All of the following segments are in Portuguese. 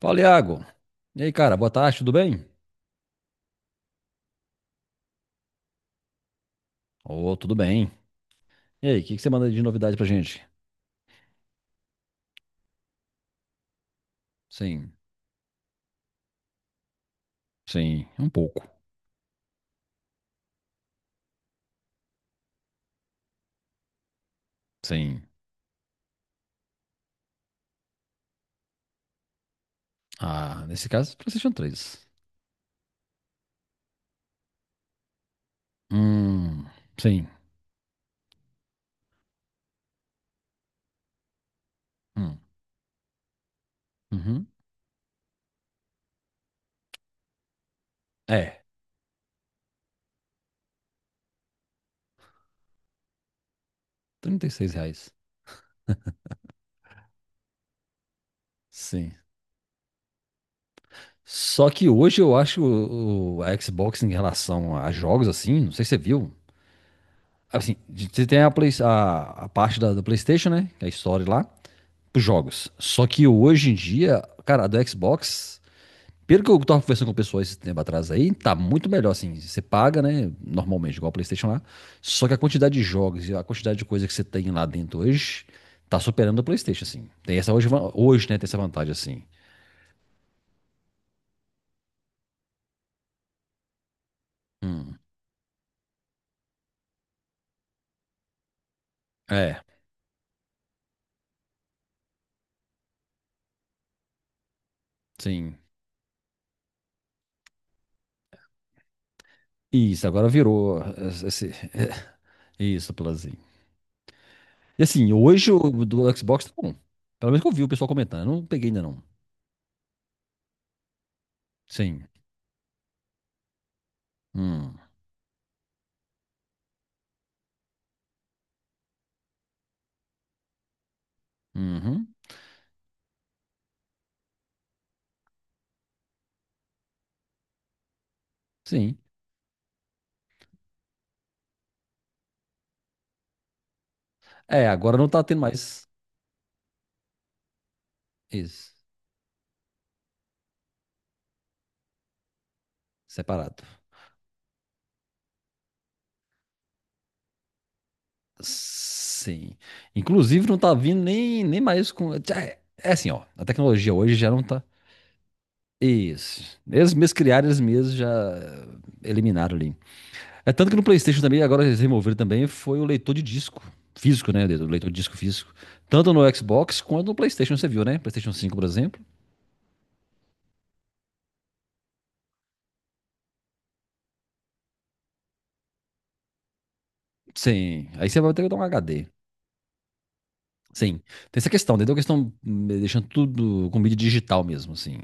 Fala, Iago. E aí, cara, boa tarde, tudo bem? Ô, tudo bem. E aí, o que que você manda de novidade pra gente? Sim, sim, um pouco. Sim. Ah, nesse caso, PlayStation 3. Hum, sim. Hum, uhum. É, R$ 36. Sim. Só que hoje eu acho a Xbox em relação a jogos, assim, não sei se você viu. Assim, de- você tem a, Play- a parte da PlayStation, né? Que é a história lá, pros jogos. Só que hoje em dia, cara, a do Xbox. Pelo que eu tava conversando com pessoas esse tempo atrás aí, tá muito melhor, assim. Você paga, né? Normalmente, igual o PlayStation lá. Só que a quantidade de jogos e a quantidade de coisa que você tem lá dentro hoje tá superando o PlayStation, assim. Tem essa hoje, va- hoje né? Tem essa vantagem, assim. Hum, é, sim. Isso, agora virou. Esse, isso, Plazinho. E assim, hoje o do Xbox tá bom. Pelo menos que eu vi o pessoal comentando. Eu não peguei ainda, não. Sim. Hum, uhum, sim. É, agora não tá tendo mais. Isso. Separado. Sim. Inclusive, não tá vindo nem, nem mais com. É assim, ó. A tecnologia hoje já não tá. Isso. Eles mesmos criaram, eles mesmos já eliminaram ali. É tanto que no PlayStation também, agora eles removeram também, foi o leitor de disco físico, né? O leitor de disco físico. Tanto no Xbox quanto no PlayStation, você viu, né? PlayStation cinco por exemplo. Sim. Aí você vai ter que dar um HD. Sim, tem essa questão, entendeu? A questão deixando tudo com mídia digital mesmo, assim.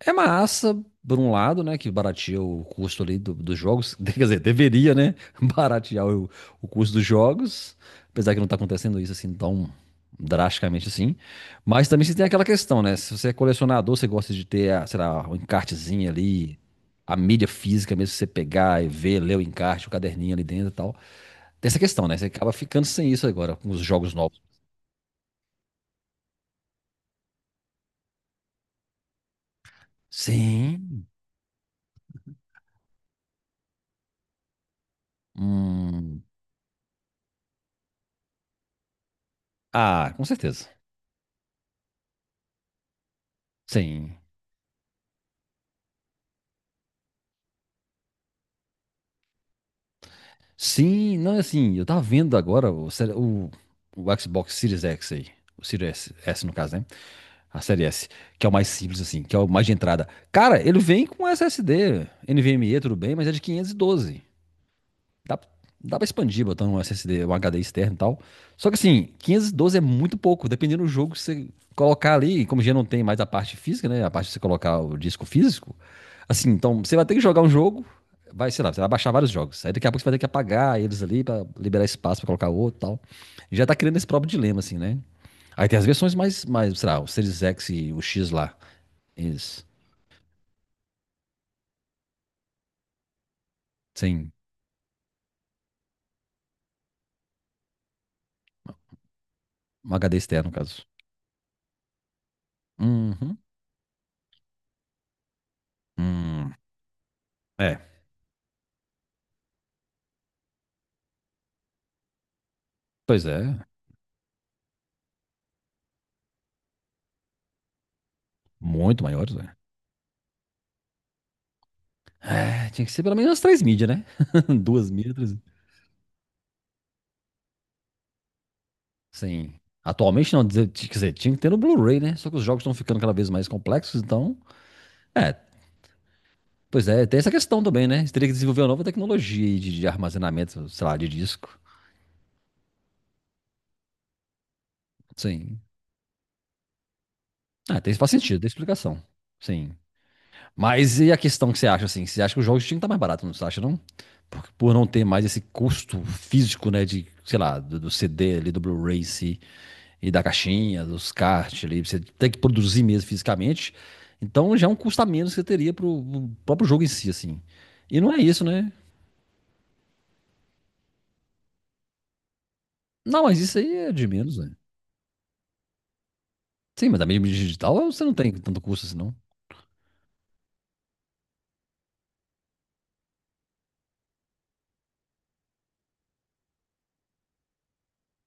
É massa, por um lado, né, que barateia o custo ali do- dos jogos, quer dizer, deveria, né, baratear o custo dos jogos, apesar que não tá acontecendo isso assim tão drasticamente assim. Mas também você tem aquela questão, né, se você é colecionador, você gosta de ter, a, sei lá, um encartezinho ali, a mídia física mesmo, você pegar e ver, ler o encarte, o caderninho ali dentro e tal. Tem essa questão, né, você acaba ficando sem isso agora com os jogos novos. Sim. Hum. Ah, com certeza. Sim. Sim, não é assim. Eu tava vendo agora o, série- o Xbox Series X aí. O Series S, no caso, né? A série S, que é o mais simples, assim, que é o mais de entrada. Cara, ele vem com SSD, NVMe, tudo bem, mas é de 512. Dá, dá pra expandir botando um SSD, um HD externo e tal. Só que assim, 512 é muito pouco, dependendo do jogo que você colocar ali, como já não tem mais a parte física, né? A parte de você colocar o disco físico. Assim, então você vai ter que jogar um jogo, vai, sei lá, você vai baixar vários jogos. Aí daqui a pouco você vai ter que apagar eles ali pra liberar espaço pra colocar outro e tal. E já tá criando esse próprio dilema, assim, né? Aí tem as versões mais, mais, sei lá, o Series X e o X lá. Eles, sem um HD externo, no caso. Uhum. Hum. É, pois é. Muito maiores, né? É, tinha que ser pelo menos umas três mídias, né? Duas mídias, três. Sim. Atualmente não, dizer- quer dizer, tinha que ter no Blu-ray, né? Só que os jogos estão ficando cada vez mais complexos, então. É, pois é, tem essa questão também, né? Você teria que desenvolver uma nova tecnologia aí de armazenamento, sei lá, de disco. Sim. Ah, tem, faz sentido, tem explicação. Sim. Mas e a questão que você acha, assim? Você acha que os jogos tinham que estar mais baratos, não você acha, não? Por não ter mais esse custo físico, né? De, sei lá, do CD ali, do Blu-ray em si. E da caixinha, dos kart ali, você tem que produzir mesmo fisicamente. Então já é um custo a menos que você teria pro, pro próprio jogo em si, assim. E não é isso, né? Não, mas isso aí é de menos, né? Sim, mas da mídia digital você não tem tanto custo assim, não.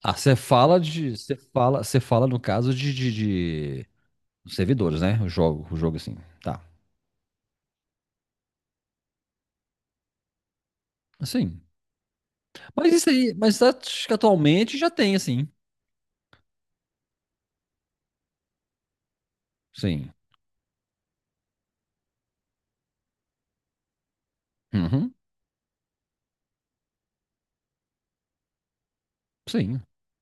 Ah, você fala de. Você fala no caso de servidores, né? O jogo assim. Tá. Sim. Mas isso aí, mas acho que atualmente já tem, assim. Sim. Uhum. Sim.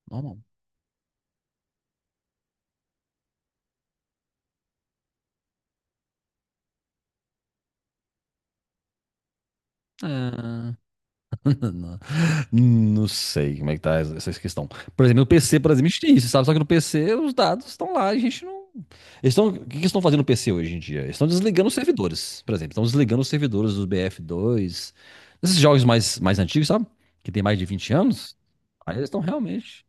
Normal. É... Não, não sei como é que tá essa questão. Por exemplo, no PC, por exemplo, a gente tem isso, sabe? Só que no PC os dados estão lá, a gente não. Eles estão... O que que eles estão fazendo no PC hoje em dia? Eles estão desligando os servidores, por exemplo. Estão desligando os servidores dos BF2, esses jogos mais, mais antigos, sabe? Que tem mais de 20 anos. Aí eles estão realmente.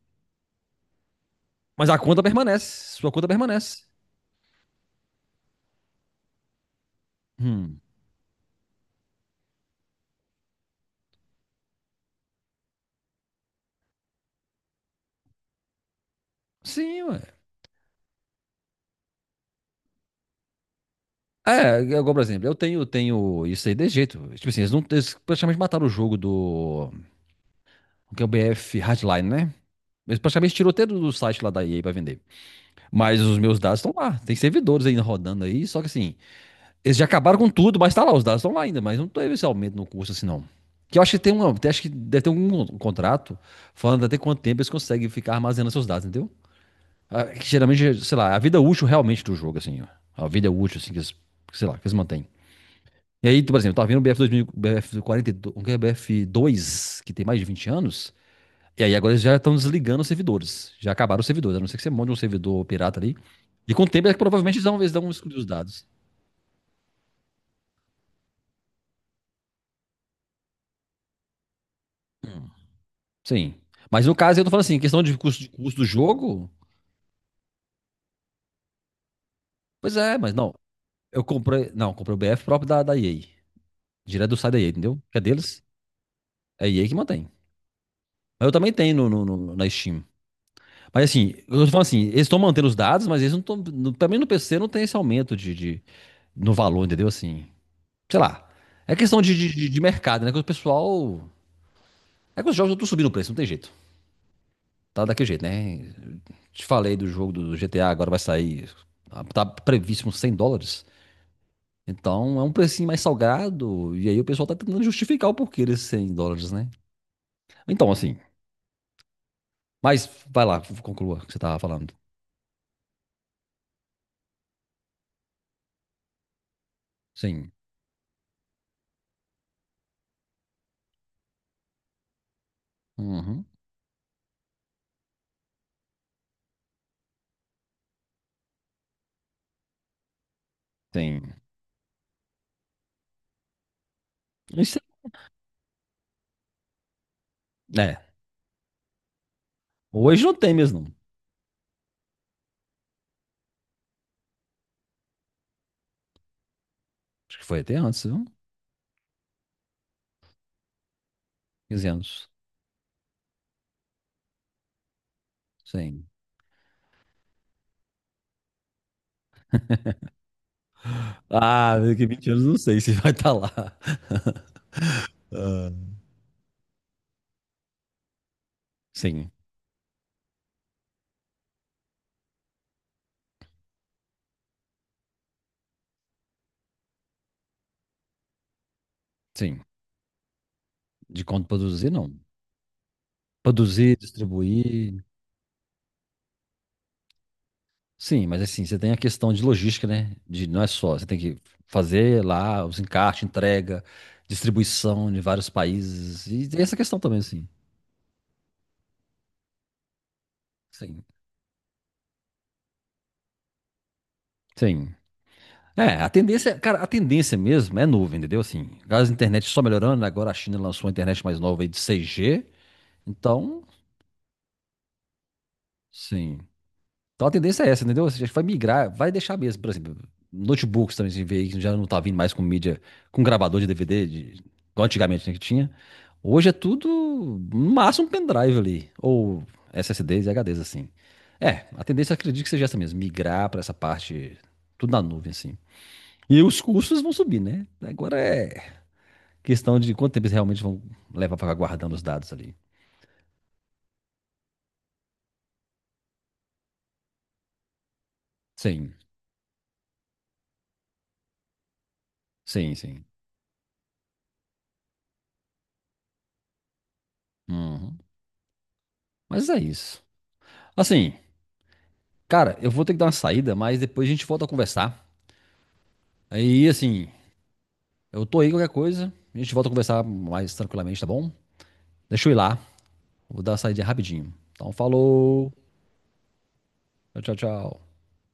Mas a conta permanece. Sua conta permanece. Hum. Sim, ué. É, é igual, por exemplo, eu tenho, tenho isso aí de jeito. Tipo assim, eles, não, eles praticamente mataram o jogo do. O que é o BF Hardline, né? Mas praticamente tirou até do site lá da EA pra vender. Mas os meus dados estão lá. Tem servidores ainda rodando aí. Só que assim, eles já acabaram com tudo, mas tá lá, os dados estão lá ainda. Mas não teve esse aumento no curso assim, não. Que eu acho que tem uma, acho que deve ter um contrato falando até quanto tempo eles conseguem ficar armazenando seus dados, entendeu? Ah, que geralmente, sei lá, a vida útil realmente do jogo, assim, ó. A vida útil, assim, que eles, sei lá, que eles mantêm. E aí, por exemplo, tá vendo o BF2000, BF42, o que é bf dois que tem mais de 20 anos. E aí agora eles já estão desligando os servidores. Já acabaram os servidores, a não ser que você monte um servidor pirata ali. E com o tempo, é que provavelmente eles vão excluir os dados. Sim. Mas no caso, eu tô falando assim, questão de custo do jogo, pois é, mas não. Eu comprei, não, comprei o BF próprio da EA. Direto do site da EA, entendeu? Que é deles, é a EA que mantém. Mas eu também tenho no, no- na Steam. Mas assim, eu tô falando assim, eles estão mantendo os dados, mas eles não estão. Também no PC não tem esse aumento de- no valor, entendeu? Assim, sei lá. É questão de mercado, né? Que o pessoal É que os jogos não estão subindo o preço, não tem jeito. Tá daquele jeito, né? Te falei do jogo do GTA, agora vai sair. Ah, tá previsto uns 100 dólares. Então é um precinho mais salgado. E aí o pessoal tá tentando justificar o porquê desses 100 dólares, né? Então, assim. Mas vai lá, conclua o que você tava falando. Sim. Uhum. Sim. Isso é. Hoje não tem mesmo, não. Acho que foi até antes, viu? 15 anos. Sim. Ah, daqui a 20 anos não sei se vai estar lá. Sim, sim. De quanto produzir, não. Produzir, distribuir. Sim, mas assim, você tem a questão de logística, né? De não é só, você tem que fazer lá os encartes, entrega, distribuição em vários países. E tem essa questão também, assim. Sim. Sim. É, a tendência, cara, a tendência mesmo é nuvem, entendeu? Assim, as internet só melhorando, né? Agora a China lançou uma internet mais nova aí de 6G. Então, sim. Então a tendência é essa, entendeu? Ou seja, vai migrar, vai deixar mesmo, por exemplo, notebooks também, a gente vê que já não tá vindo mais com mídia, com gravador de DVD, de, igual antigamente né, que tinha. Hoje é tudo, no máximo, um pendrive ali, ou SSDs e HDs, assim. É, a tendência eu acredito que seja essa mesmo, migrar para essa parte, tudo na nuvem, assim. E os custos vão subir, né? Agora é questão de quanto tempo eles realmente vão levar para guardando os dados ali. Sim, sim, sim. Uhum. Mas é isso. Assim, cara, eu vou ter que dar uma saída, mas depois a gente volta a conversar. Aí, assim, eu tô aí qualquer coisa. A gente volta a conversar mais tranquilamente, tá bom? Deixa eu ir lá. Vou dar uma saída rapidinho. Então, falou. Tchau, tchau, tchau.